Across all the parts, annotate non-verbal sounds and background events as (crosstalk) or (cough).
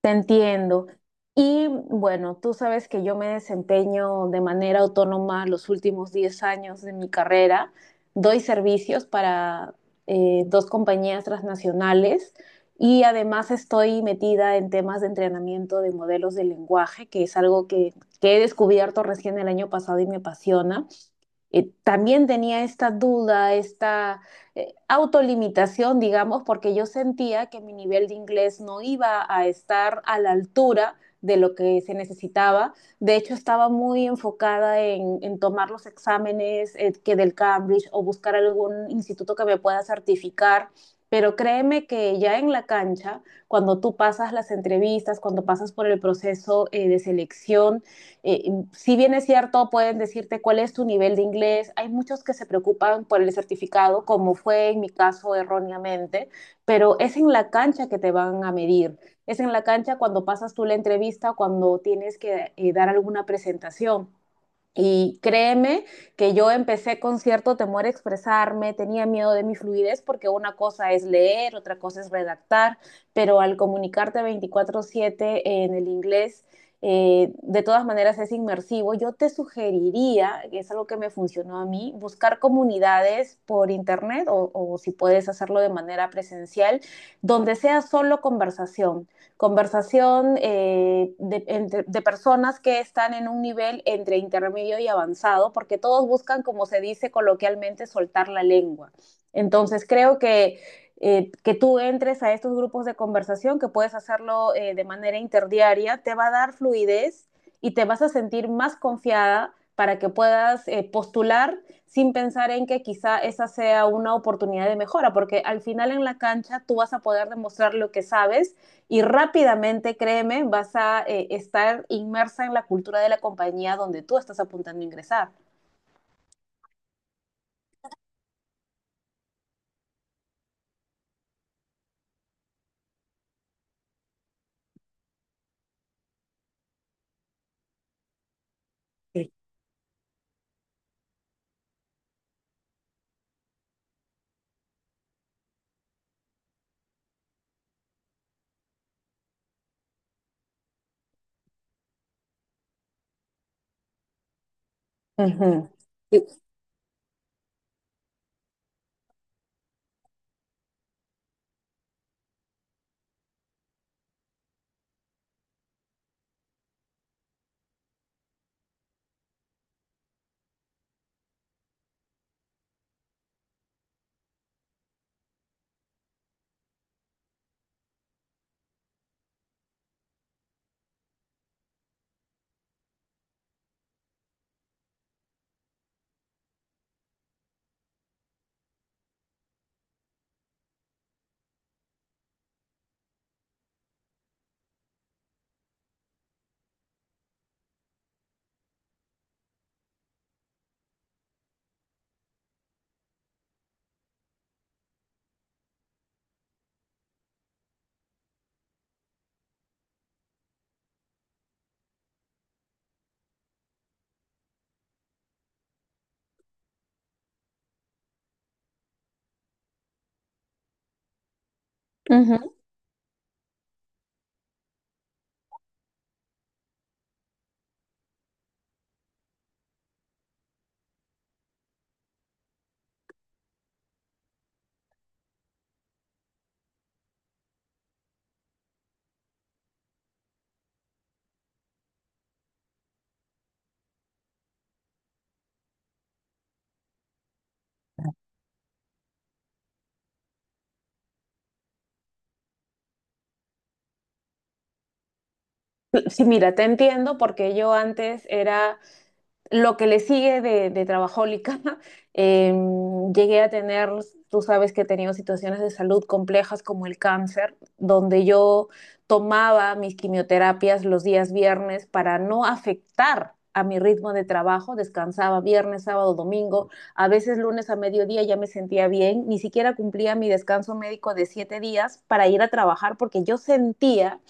Te entiendo. Y bueno, tú sabes que yo me desempeño de manera autónoma los últimos 10 años de mi carrera. Doy servicios para dos compañías transnacionales y además estoy metida en temas de entrenamiento de modelos de lenguaje, que es algo que he descubierto recién el año pasado y me apasiona. También tenía esta duda, esta autolimitación, digamos, porque yo sentía que mi nivel de inglés no iba a estar a la altura de lo que se necesitaba. De hecho, estaba muy enfocada en tomar los exámenes que del Cambridge o buscar algún instituto que me pueda certificar. Pero créeme que ya en la cancha, cuando tú pasas las entrevistas, cuando pasas por el proceso de selección, eh, si bien es cierto, pueden decirte cuál es tu nivel de inglés. Hay muchos que se preocupan por el certificado, como fue en mi caso erróneamente, pero es en la cancha que te van a medir. Es en la cancha cuando pasas tú la entrevista, cuando tienes que dar alguna presentación. Y créeme que yo empecé con cierto temor a expresarme, tenía miedo de mi fluidez porque una cosa es leer, otra cosa es redactar, pero al comunicarte 24/7 en el inglés, de todas maneras es inmersivo. Yo te sugeriría, que es algo que me funcionó a mí, buscar comunidades por internet o si puedes hacerlo de manera presencial, donde sea solo conversación conversación, personas que están en un nivel entre intermedio y avanzado, porque todos buscan, como se dice coloquialmente, soltar la lengua. Entonces creo que tú entres a estos grupos de conversación, que puedes hacerlo de manera interdiaria, te va a dar fluidez y te vas a sentir más confiada para que puedas postular sin pensar en que quizá esa sea una oportunidad de mejora, porque al final en la cancha tú vas a poder demostrar lo que sabes y rápidamente, créeme, vas a estar inmersa en la cultura de la compañía donde tú estás apuntando a ingresar. Sí. Ujú. Y- Ujú. Sí, mira, te entiendo porque yo antes era lo que le sigue de trabajólica, (laughs) llegué a tener, tú sabes que he tenido situaciones de salud complejas como el cáncer, donde yo tomaba mis quimioterapias los días viernes para no afectar a mi ritmo de trabajo, descansaba viernes, sábado, domingo, a veces lunes a mediodía ya me sentía bien, ni siquiera cumplía mi descanso médico de 7 días para ir a trabajar porque yo sentía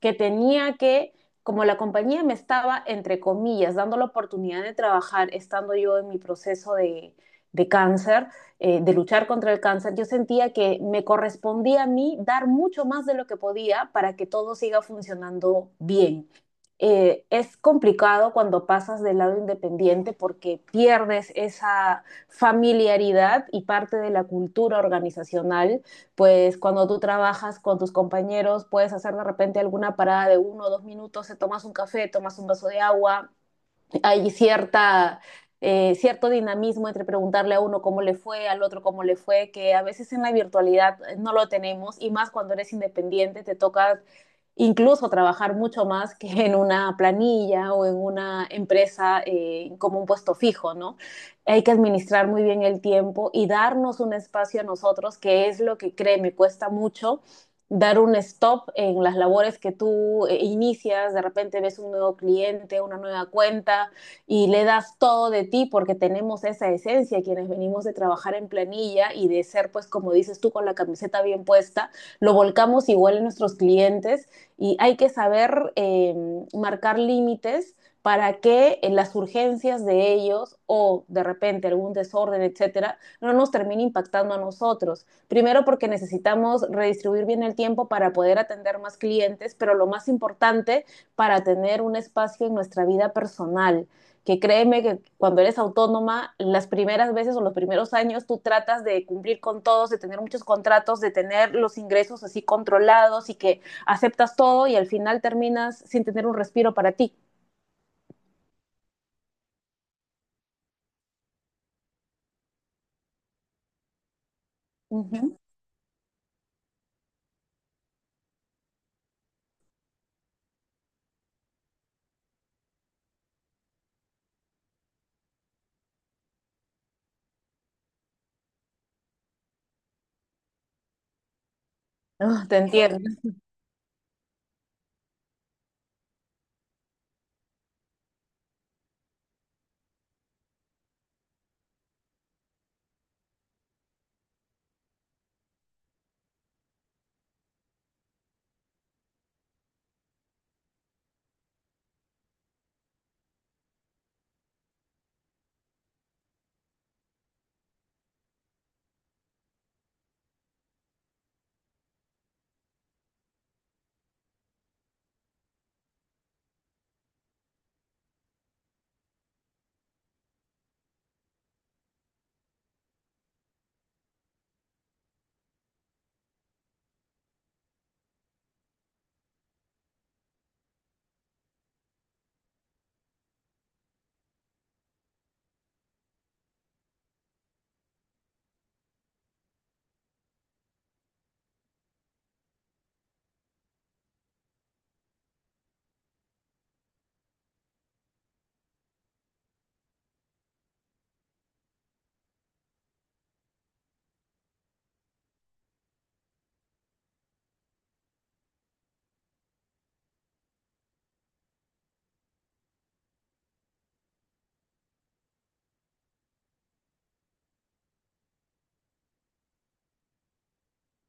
que tenía que como la compañía me estaba, entre comillas, dando la oportunidad de trabajar, estando yo en mi proceso de cáncer, de luchar contra el cáncer, yo sentía que me correspondía a mí dar mucho más de lo que podía para que todo siga funcionando bien. Es complicado cuando pasas del lado independiente porque pierdes esa familiaridad y parte de la cultura organizacional pues cuando tú trabajas con tus compañeros, puedes hacer de repente alguna parada de 1 o 2 minutos, te tomas un café, tomas un vaso de agua, hay cierto dinamismo entre preguntarle a uno cómo le fue, al otro cómo le fue, que a veces en la virtualidad no lo tenemos y más cuando eres independiente te toca incluso trabajar mucho más que (laughs) en una planilla o en una empresa como un puesto fijo, ¿no? Hay que administrar muy bien el tiempo y darnos un espacio a nosotros, que es lo que créeme, cuesta mucho dar un stop en las labores que tú inicias, de repente ves un nuevo cliente, una nueva cuenta, y le das todo de ti porque tenemos esa esencia, quienes venimos de trabajar en planilla y de ser, pues como dices tú, con la camiseta bien puesta, lo volcamos igual en nuestros clientes y hay que saber marcar límites para que en las urgencias de ellos o de repente algún desorden, etcétera, no nos termine impactando a nosotros. Primero porque necesitamos redistribuir bien el tiempo para poder atender más clientes, pero lo más importante, para tener un espacio en nuestra vida personal que créeme que cuando eres autónoma, las primeras veces o los primeros años tú tratas de cumplir con todos, de tener muchos contratos, de tener los ingresos así controlados y que aceptas todo y al final terminas sin tener un respiro para ti. Ujú. Ah, te entiendo.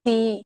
Sí.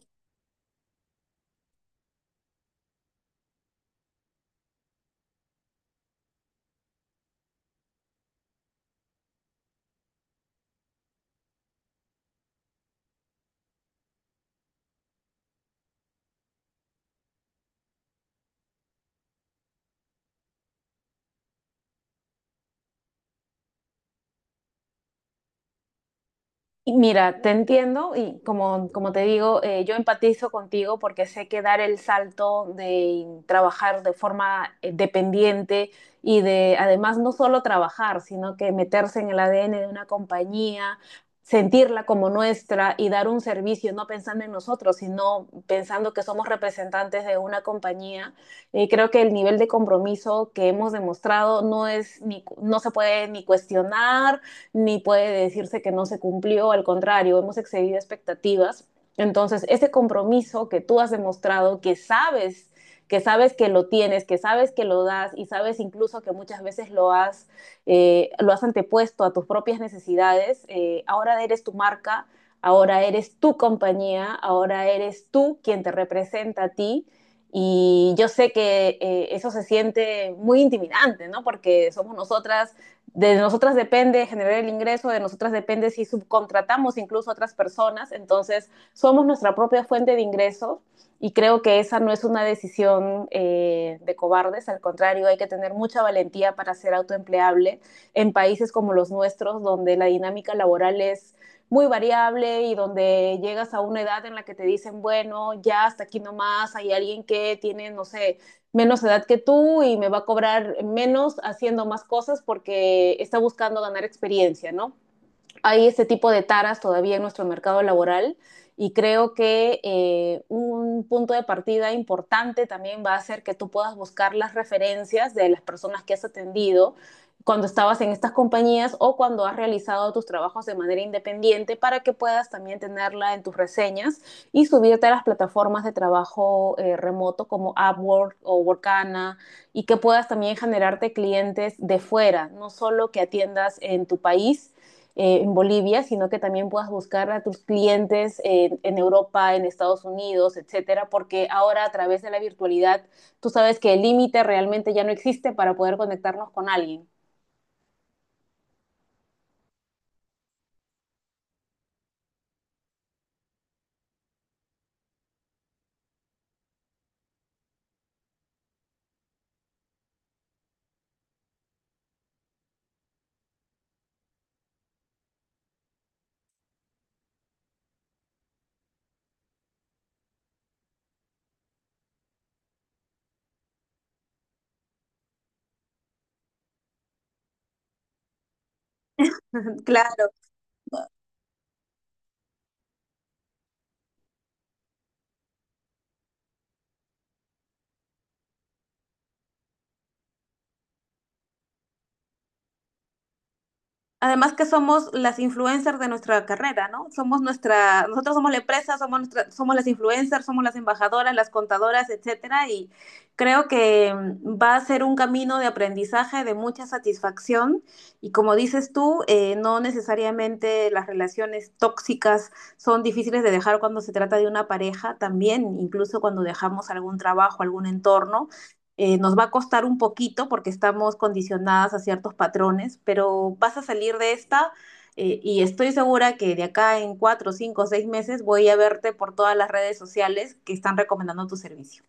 Mira, te entiendo y como te digo, yo empatizo contigo porque sé que dar el salto de trabajar de forma dependiente y de además no solo trabajar, sino que meterse en el ADN de una compañía, sentirla como nuestra y dar un servicio, no pensando en nosotros, sino pensando que somos representantes de una compañía. Eh, creo que el nivel de compromiso que hemos demostrado no se puede ni cuestionar ni puede decirse que no se cumplió, al contrario, hemos excedido expectativas. Entonces, ese compromiso que tú has demostrado, que sabes que lo tienes, que sabes que lo das y sabes incluso que muchas veces lo has antepuesto a tus propias necesidades, ahora eres tu marca, ahora eres tu compañía, ahora eres tú quien te representa a ti. Y yo sé que eso se siente muy intimidante, ¿no? Porque somos nosotras, de nosotras depende generar el ingreso, de nosotras depende si subcontratamos incluso a otras personas, entonces somos nuestra propia fuente de ingresos y creo que esa no es una decisión de cobardes, al contrario, hay que tener mucha valentía para ser autoempleable en países como los nuestros, donde la dinámica laboral es muy variable y donde llegas a una edad en la que te dicen, bueno, ya hasta aquí nomás, hay alguien que tiene, no sé, menos edad que tú y me va a cobrar menos haciendo más cosas porque está buscando ganar experiencia, ¿no? Hay este tipo de taras todavía en nuestro mercado laboral y creo que un punto de partida importante también va a ser que tú puedas buscar las referencias de las personas que has atendido cuando estabas en estas compañías o cuando has realizado tus trabajos de manera independiente para que puedas también tenerla en tus reseñas y subirte a las plataformas de trabajo remoto como Upwork o Workana y que puedas también generarte clientes de fuera, no solo que atiendas en tu país, en Bolivia, sino que también puedas buscar a tus clientes en Europa, en Estados Unidos, etcétera, porque ahora a través de la virtualidad tú sabes que el límite realmente ya no existe para poder conectarnos con alguien. (laughs) Claro, además que somos las influencers de nuestra carrera, ¿no? Somos nuestra, nosotros somos la empresa, somos nuestra, somos las influencers, somos las embajadoras, las contadoras, etcétera, y creo que va a ser un camino de aprendizaje, de mucha satisfacción, y como dices tú, no necesariamente las relaciones tóxicas son difíciles de dejar cuando se trata de una pareja, también incluso cuando dejamos algún trabajo, algún entorno, nos va a costar un poquito porque estamos condicionadas a ciertos patrones, pero vas a salir de esta y estoy segura que de acá en 4, 5, 6 meses voy a verte por todas las redes sociales que están recomendando tu servicio.